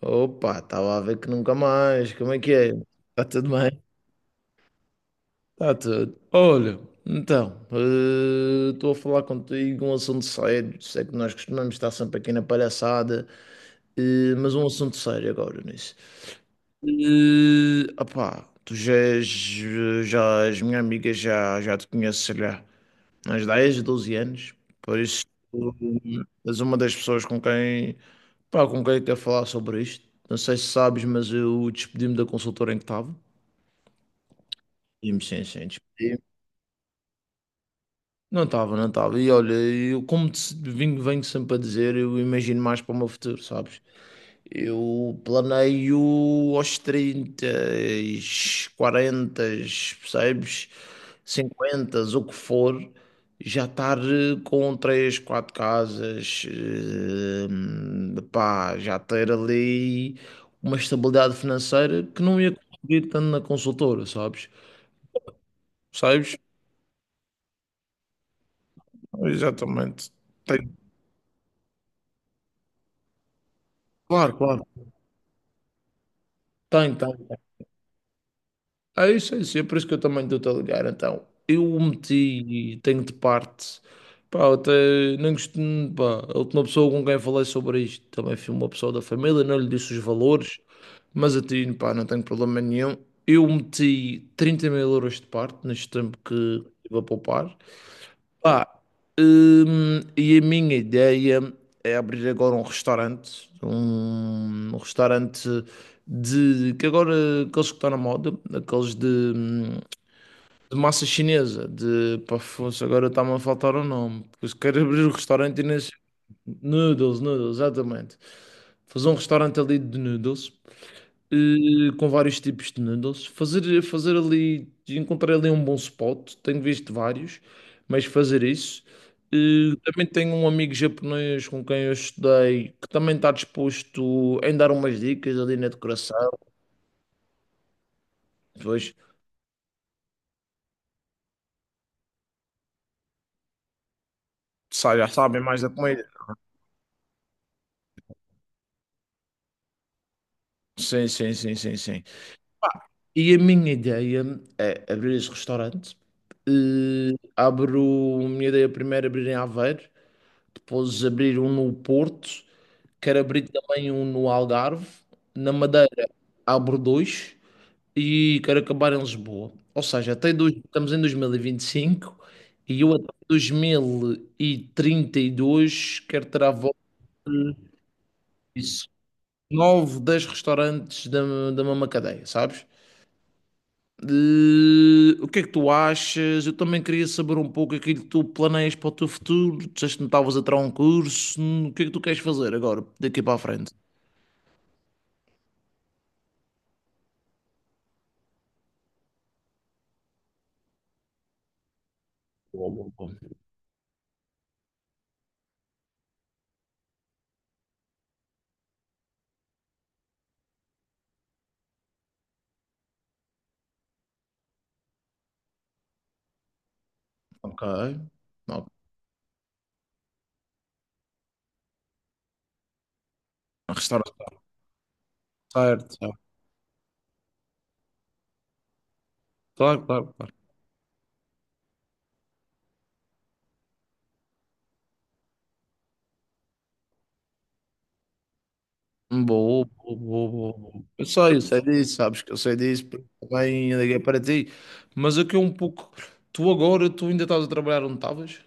Opa, estava a ver que nunca mais. Como é que é? Está tudo bem? Está tudo. Olha, então, estou a falar contigo um assunto sério. Sei que nós costumamos estar sempre aqui na palhaçada, mas um assunto sério agora nisso. Opá, tu já és minha amiga, já te conheço, sei lá, há uns 10, 12 anos. Por isso, tu és uma das pessoas com quem. Pá, com quem é que quer falar sobre isto? Não sei se sabes, mas eu despedi-me da consultora em que estava. E-me sim, sim, despedi. Não estava, não estava. E olha, eu como te, venho sempre a dizer, eu imagino mais para o meu futuro, sabes? Eu planeio aos 30, 40, percebes? 50, o que for, já estar com 3, 4 casas, pá, já ter ali uma estabilidade financeira que não ia conseguir tanto na consultora, sabes? Sabes? Exatamente. Tem, claro, claro. Tem, tem. É isso, é isso. É por isso que eu também estou-te a ligar. Então, eu o meti, e tenho de parte. Pá, eu até nem gostei. Pá, a última pessoa com quem falei sobre isto também foi uma pessoa da família, não lhe disse os valores, mas a ti, pá, não tenho problema nenhum. Eu meti 30.000 euros de parte neste tempo que estive a poupar. Pá, e a minha ideia é abrir agora um restaurante, um restaurante de que agora aqueles que estão na moda, aqueles de massa chinesa, de pá, fosse, agora está-me a faltar o nome, porque se quero abrir um restaurante e nem sei- noodles, noodles, exatamente. Fazer um restaurante ali de noodles com vários tipos de noodles. Fazer ali, encontrar ali um bom spot, tenho visto vários, mas fazer isso. Também tenho um amigo japonês com quem eu estudei que também está disposto em dar umas dicas ali na decoração. Depois sa- já sabem mais da comida. Sim, sim, sim, sim, sim. E a minha ideia é abrir esse restaurante. Abro, a minha ideia primeiro é abrir em Aveiro, depois abrir um no Porto. Quero abrir também um no Algarve. Na Madeira abro dois e quero acabar em Lisboa. Ou seja, até dois, estamos em 2025 e vinte e cinco e eu até 2032 quero ter à volta disso. 9, 10 restaurantes da, da mesma cadeia, sabes? De- o que é que tu achas? Eu também queria saber um pouco aquilo que tu planeias para o teu futuro. Disseste que não estavas a tirar um curso. O que é que tu queres fazer agora, daqui para a frente? Boa, boa, boa. Ok. Restaurante, certo, certo. Claro, claro, claro. Boa, boa, boa, boa, boa. Eu sei disso, sabes que eu sei disso, porque também liguei para ti. Mas aqui é um pouco. Tu agora, tu ainda estás a trabalhar onde estavas?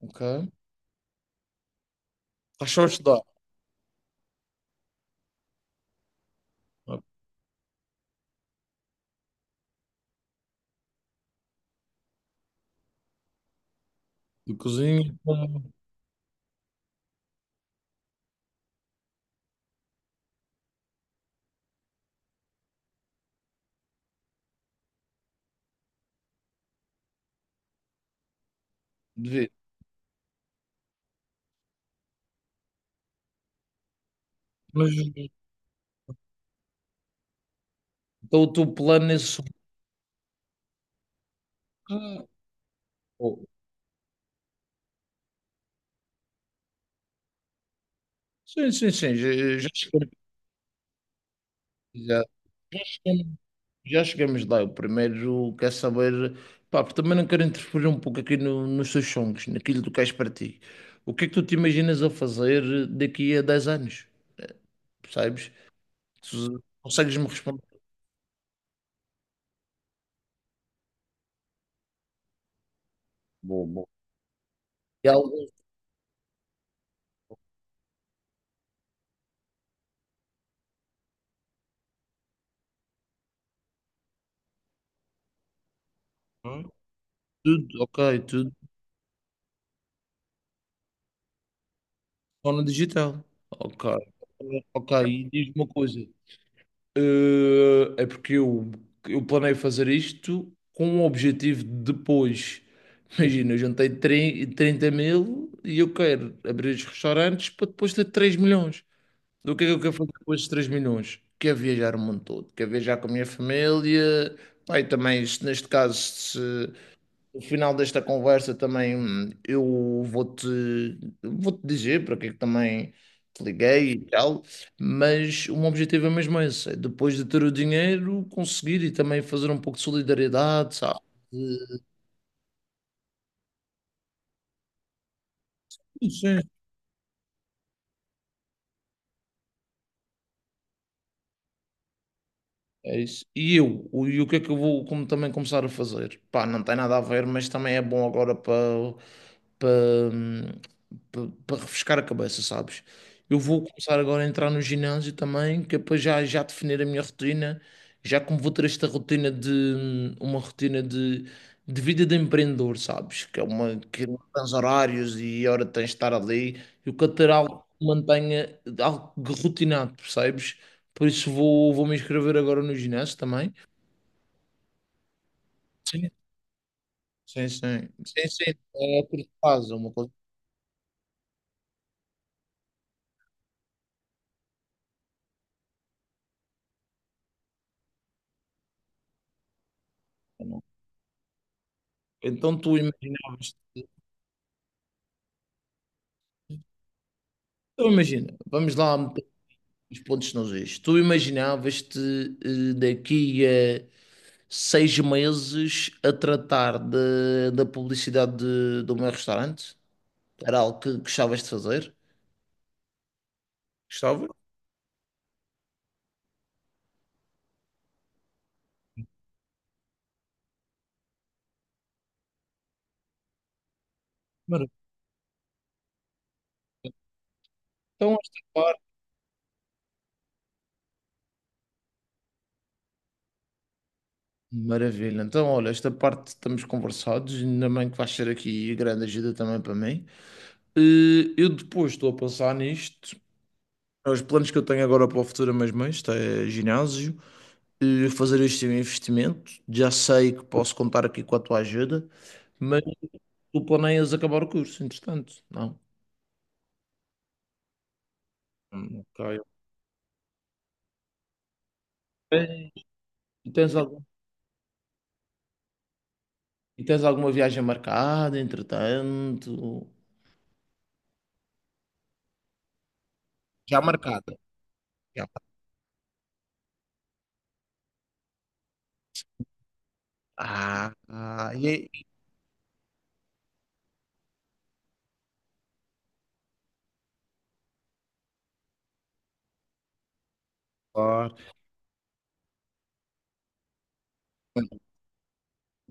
Ok. Estás só a estudar. Ok? De cozinha, como devia. Mas então, o teu plano nesse. Ah, oh. Sim, sim, sim, já, já cheguei. Já chegamos lá. O primeiro quer saber, pá, porque também não quero interferir um pouco aqui no- nos teus sonhos, naquilo que tu queres para ti. O que é que tu te imaginas a fazer daqui a 10 anos? Percebes? Tu consegues-me responder? Bom, bom. E alguns, Hum? Tudo, ok, tudo só no digital. Ok, ok. E diz-me uma coisa. É porque eu planei fazer isto com o objetivo de depois. Imagina, eu juntei 30 mil e eu quero abrir os restaurantes para depois ter 3 milhões. Então, o que é que eu quero fazer com esses 3 milhões? Quero viajar o mundo todo, quero viajar com a minha família. Pai, também, se neste caso, no final desta conversa também eu vou-te dizer para que é que também te liguei e tal, mas o meu objetivo é mesmo esse, é depois de ter o dinheiro conseguir e também fazer um pouco de solidariedade, sabe? De- sim. É isso. E eu, o, e o que é que eu vou como, também começar a fazer? Pá, não tem nada a ver, mas também é bom agora para para refrescar a cabeça, sabes? Eu vou começar agora a entrar no ginásio também, que é para já, já definir a minha rotina, já como vou ter esta rotina de uma rotina de vida de empreendedor, sabes? Que é uma que não tens horários e hora tens de estar ali. Eu quero ter algo que mantenha algo rotinado, percebes? Por isso vou, me inscrever agora no ginásio também. Sim, sim, sim. Sim, sim. É a curto prazo, é uma coisa. Que eu não- então tu imaginavas. Então, imagina, vamos lá meter os pontos nos is. Tu imaginavas-te daqui a 6 meses a tratar de- da publicidade de, do meu restaurante? Era algo que gostavas de fazer? Gostava? Maravilha. Então, esta parte. Maravilha. Então, olha, esta parte estamos conversados, ainda bem que vais ser aqui grande ajuda também para mim. Eu depois estou a pensar nisto. Os planos que eu tenho agora para o futuro é mesmo este, é ginásio. Fazer este investimento. Já sei que posso contar aqui com a tua ajuda, mas tu planeias acabar o curso, entretanto, não? Ok. Eh, e tens algum, e tens alguma viagem marcada, entretanto? Já marcada. Já. Ah, ah, e, claro.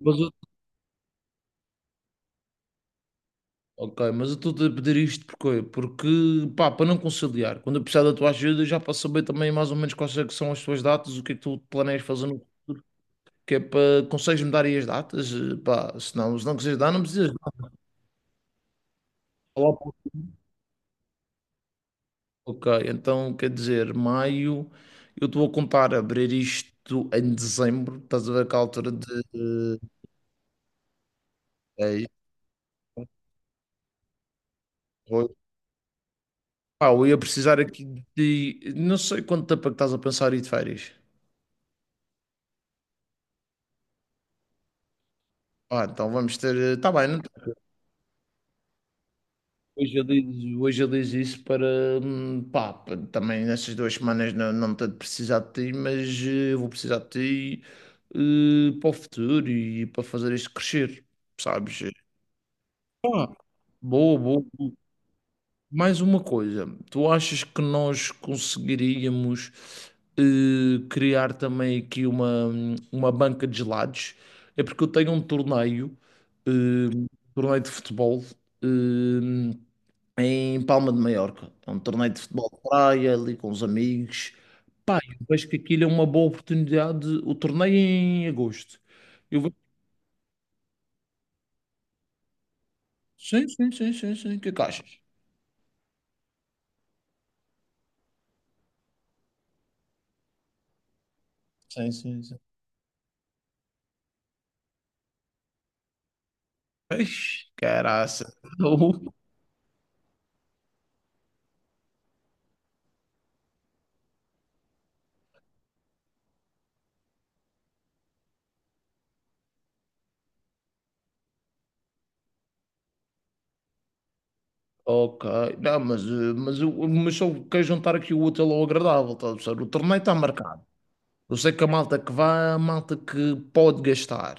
Mas eu- ok, mas eu estou-te a pedir isto porque, porque pá, para não conciliar, quando eu precisar da tua ajuda, já para saber também mais ou menos quais é que são as tuas datas, o que é que tu planeias fazer no futuro, que é para consegues-me dar aí as datas? Pá, se não, se não quiseres dar, não precisas dar. Olá, pô. Ok, então quer dizer, maio, eu estou a contar abrir isto em dezembro, estás a ver que a altura de. É, foi. Pá, eu ia precisar aqui de. Não sei quanto tempo é que estás a pensar ir de férias. Ah, então vamos ter. Está bem, não hoje eu diz, hoje eu diz isso para, pá, pa- também nessas duas semanas não, não tanto precisar de ti, mas eu vou precisar de ti para o futuro e para fazer isto crescer, sabes? Ah, boa, boa. Boa. Mais uma coisa, tu achas que nós conseguiríamos criar também aqui uma banca de gelados? É porque eu tenho um torneio, eh, um torneio de futebol. eh, em Palma de Maiorca. É um torneio de futebol de praia, ali com os amigos. Pá, eu vejo que aquilo é uma boa oportunidade. O torneio é em agosto. Eu vejo... Sim, sim, sim, sim, sim. O que é que achas? Sim, sim, sim. Ixi, caraça. Ok, não, mas, mas, eu- mas só quero juntar aqui o útil ao agradável, tá, a perceber? O torneio está marcado. Eu sei que a malta que vai é a malta que pode gastar.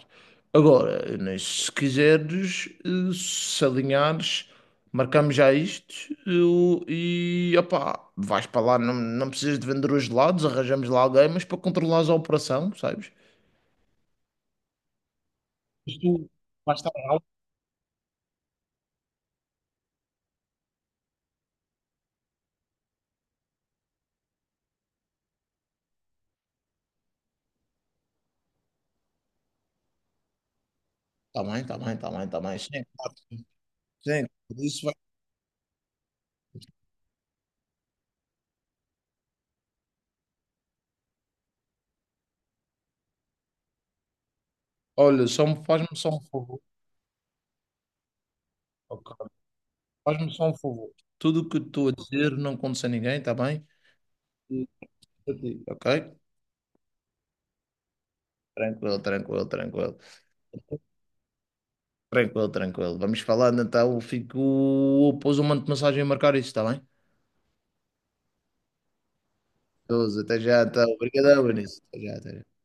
Agora, né, se quiseres, se alinhares, marcamos já isto eu- e opá, vais para lá, não, não precisas de vender os gelados, arranjamos lá alguém, mas para controlares a operação, sabes? Mas tu vais estar lá. Está bem, está bem, está bem, está bem. Sim, claro, sim. Isso vai. Olha, só me- faz-me só um favor. Ok? Faz-me só um favor. Tudo o que eu estou a dizer não acontece a ninguém, está bem? E- ok? Tranquilo, tranquilo, tranquilo. Tranquilo, tranquilo. Vamos falando então. Fico. Pôs um monte de mensagem a marcar isso, está bem? 12, até já, então. Obrigadão, Benício. Até já, até já.